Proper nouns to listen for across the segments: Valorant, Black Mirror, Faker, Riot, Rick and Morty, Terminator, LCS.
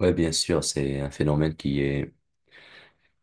Oui, bien sûr, c'est un phénomène qui est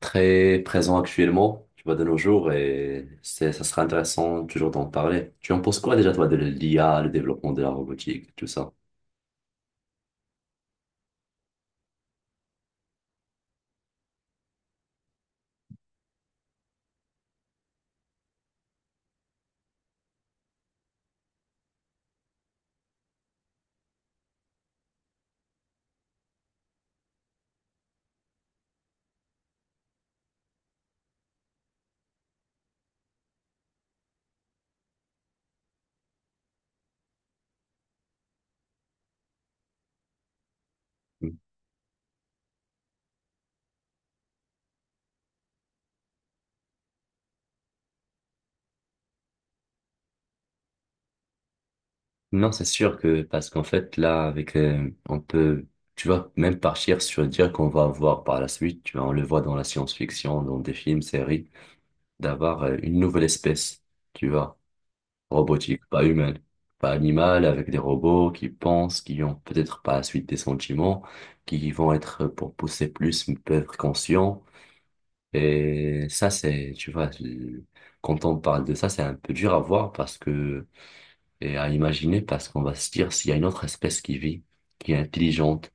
très présent actuellement, tu vois, de nos jours, ça sera intéressant toujours d'en parler. Tu en penses quoi déjà, toi, de l'IA, le développement de la robotique, tout ça? Mm. Non, c'est sûr que, parce qu'en fait, là, avec, on peut, tu vois, même partir sur dire qu'on va avoir par la suite, tu vois, on le voit dans la science-fiction, dans des films, séries, d'avoir une nouvelle espèce, tu vois. Robotique, pas humaine, pas animale, avec des robots qui pensent, qui ont peut-être par la suite des sentiments, pour pousser plus, peut être conscients. Et ça, c'est, tu vois, quand on parle de ça, c'est un peu dur à voir parce que, et à imaginer parce qu'on va se dire s'il y a une autre espèce qui vit, qui est intelligente,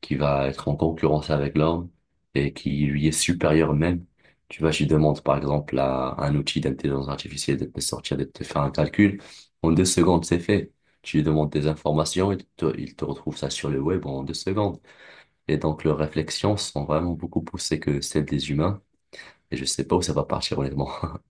qui va être en concurrence avec l'homme et qui lui est supérieur même. Tu vois, je lui demande par exemple à un outil d'intelligence artificielle de te sortir, de te faire un calcul. En 2 secondes, c'est fait. Tu lui demandes des informations et il te retrouve ça sur le web en 2 secondes. Et donc, leurs réflexions sont vraiment beaucoup poussées que celles des humains. Et je sais pas où ça va partir, honnêtement.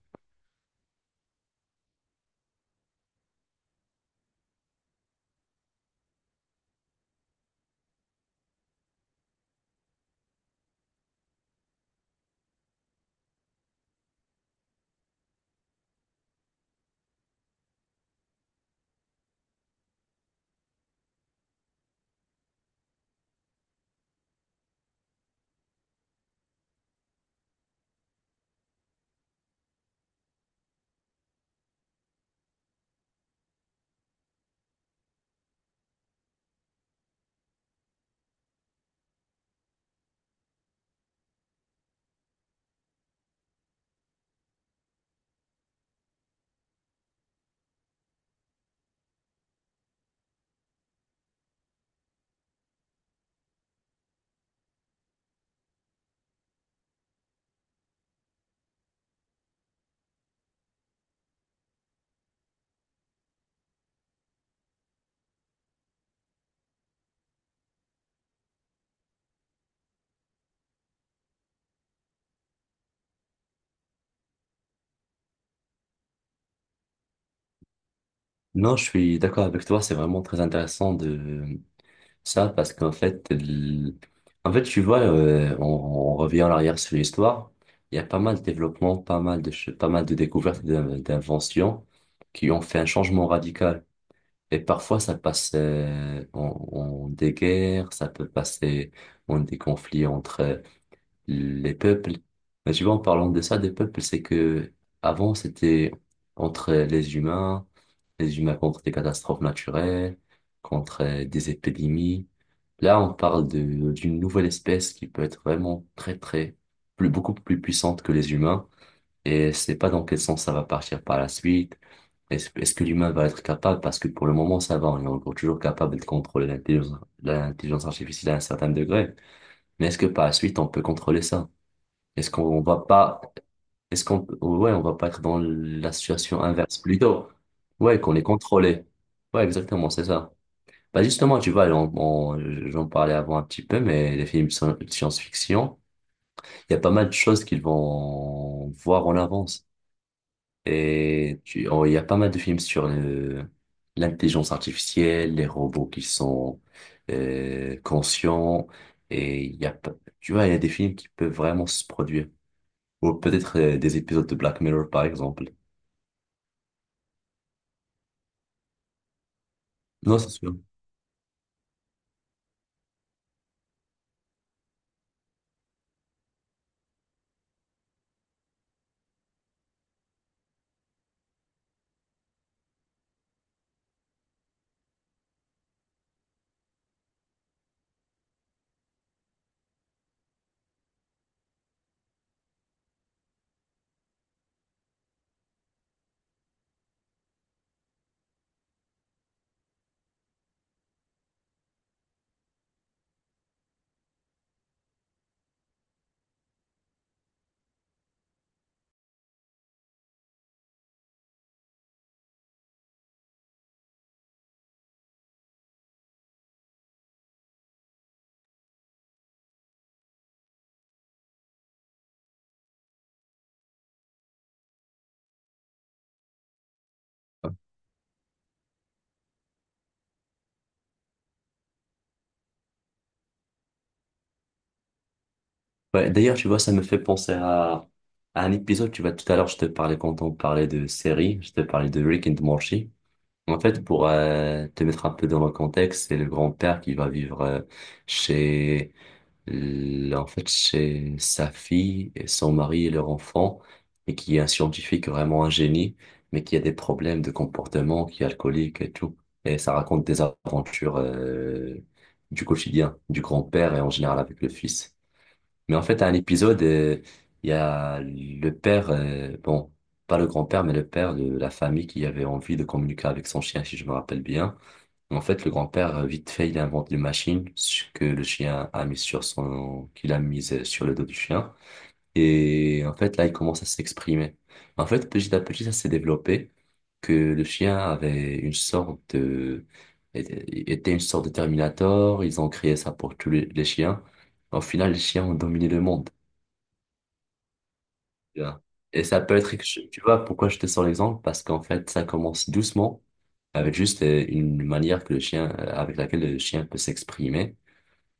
Non, je suis d'accord avec toi. C'est vraiment très intéressant de, ça, parce qu'en fait, en fait, tu vois, on revient en arrière sur l'histoire. Il y a pas mal de développements, pas mal de, pas mal de découvertes, et d'inventions qui ont fait un changement radical. Et parfois, ça passe en des guerres, ça peut passer en des conflits entre les peuples. Mais tu vois, en parlant de ça, des peuples, c'est que avant, c'était entre les humains contre des catastrophes naturelles, contre des épidémies. Là, on parle d'une nouvelle espèce qui peut être vraiment plus, beaucoup plus puissante que les humains. Et c'est pas dans quel sens ça va partir par la suite. Est-ce que l'humain va être capable? Parce que pour le moment, ça va. On est encore toujours capable de contrôler l'intelligence artificielle à un certain degré. Mais est-ce que par la suite, on peut contrôler ça? Est-ce qu'on va pas, est-ce qu'on, ouais, on va pas être dans la situation inverse plutôt? Ouais, qu'on est contrôlé. Ouais, exactement, c'est ça. Bah justement, tu vois, j'en parlais avant un petit peu, mais les films de science-fiction, il y a pas mal de choses qu'ils vont voir en avance. Et tu, oh, il y a pas mal de films sur l'intelligence artificielle, les robots qui sont conscients, et il y a, pas- tu vois, il y a des films qui peuvent vraiment se produire. Ou peut-être des épisodes de Black Mirror, par exemple. Non, c'est sûr. Ouais, d'ailleurs, tu vois, ça me fait penser à un épisode, tu vois, tout à l'heure, je te parlais quand on parlait de séries, je te parlais de Rick and Morty. En fait, pour te mettre un peu dans le contexte, c'est le grand-père qui va vivre chez en fait, c'est sa fille, et son mari et leur enfant, et qui est un scientifique vraiment un génie, mais qui a des problèmes de comportement, qui est alcoolique et tout. Et ça raconte des aventures du quotidien, du grand-père et en général avec le fils. Mais en fait, à un épisode, il y a le père, bon, pas le grand-père, mais le père de la famille qui avait envie de communiquer avec son chien, si je me rappelle bien. En fait, le grand-père, vite fait, il invente une machine que le chien a mise sur son, qu'il a mise sur le dos du chien. Et en fait, là, il commence à s'exprimer. En fait, petit à petit, ça s'est développé que le chien avait une sorte de... était une sorte de Terminator. Ils ont créé ça pour les chiens. Au final, les chiens ont dominé le monde. Tu vois. Et ça peut être... Tu vois pourquoi je te sors l'exemple? Parce qu'en fait, ça commence doucement, avec juste une manière que avec laquelle le chien peut s'exprimer.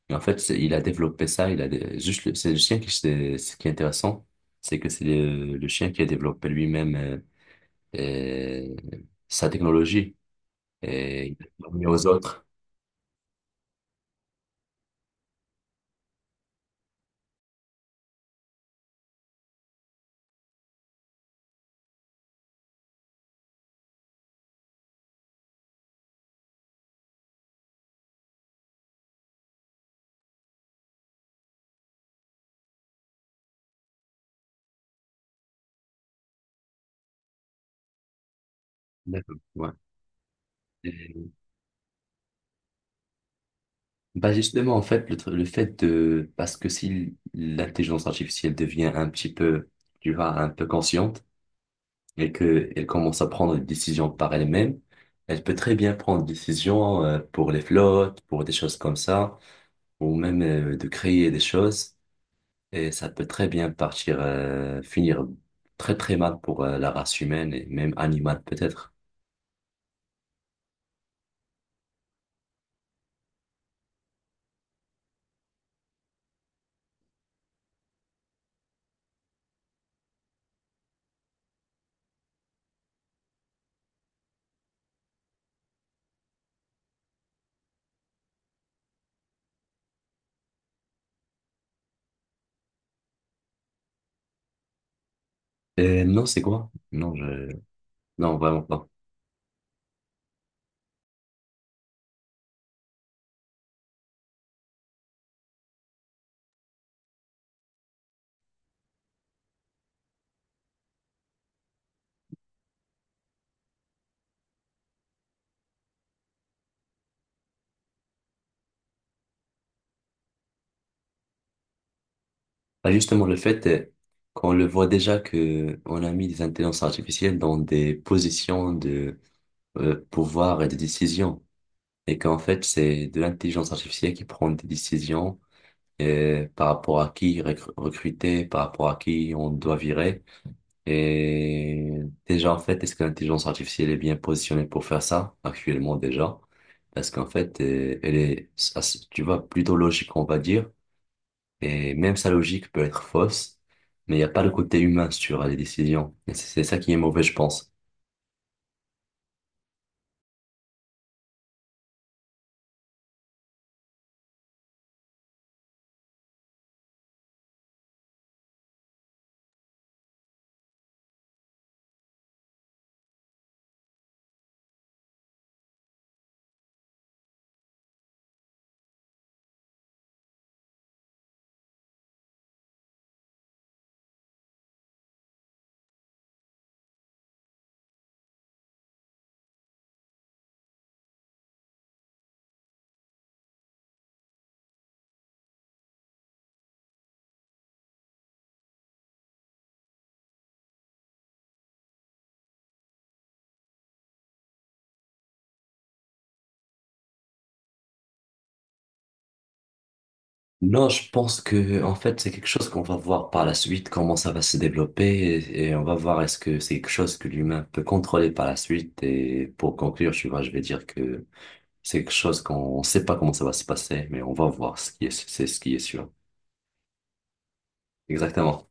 Et en fait, il a développé ça, il a dé- juste le- c'est le chien qui c'est ce qui est intéressant, c'est que c'est le chien qui a développé lui-même euh, sa technologie et il l'a permis aux autres. D'accord. Ouais. Et- bah justement, en fait, le fait de parce que si l'intelligence artificielle devient un petit peu, tu vois, un peu consciente et que elle commence à prendre des décisions par elle-même, elle peut très bien prendre des décisions pour les flottes, pour des choses comme ça, ou même de créer des choses. Et ça peut très bien partir, finir très très mal pour la race humaine et même animale peut-être. Non, c'est quoi? Non, je... non, vraiment pas. Bah, justement, le fait qu'on le voit déjà que on a mis des intelligences artificielles dans des positions de pouvoir et de décision, et qu'en fait, c'est de l'intelligence artificielle qui prend des décisions par rapport à qui recruter, par rapport à qui on doit virer. Et déjà, en fait, est-ce que l'intelligence artificielle est bien positionnée pour faire ça actuellement déjà? Parce qu'en fait, elle est, tu vois, plutôt logique, on va dire. Et même sa logique peut être fausse, mais il n'y a pas le côté humain sur les décisions. Et c'est ça qui est mauvais, je pense. Non, je pense que en fait c'est quelque chose qu'on va voir par la suite comment ça va se développer et on va voir est-ce que c'est quelque chose que l'humain peut contrôler par la suite et pour conclure tu vois je vais dire que c'est quelque chose qu'on ne sait pas comment ça va se passer, mais on va voir c'est ce qui est sûr. Exactement.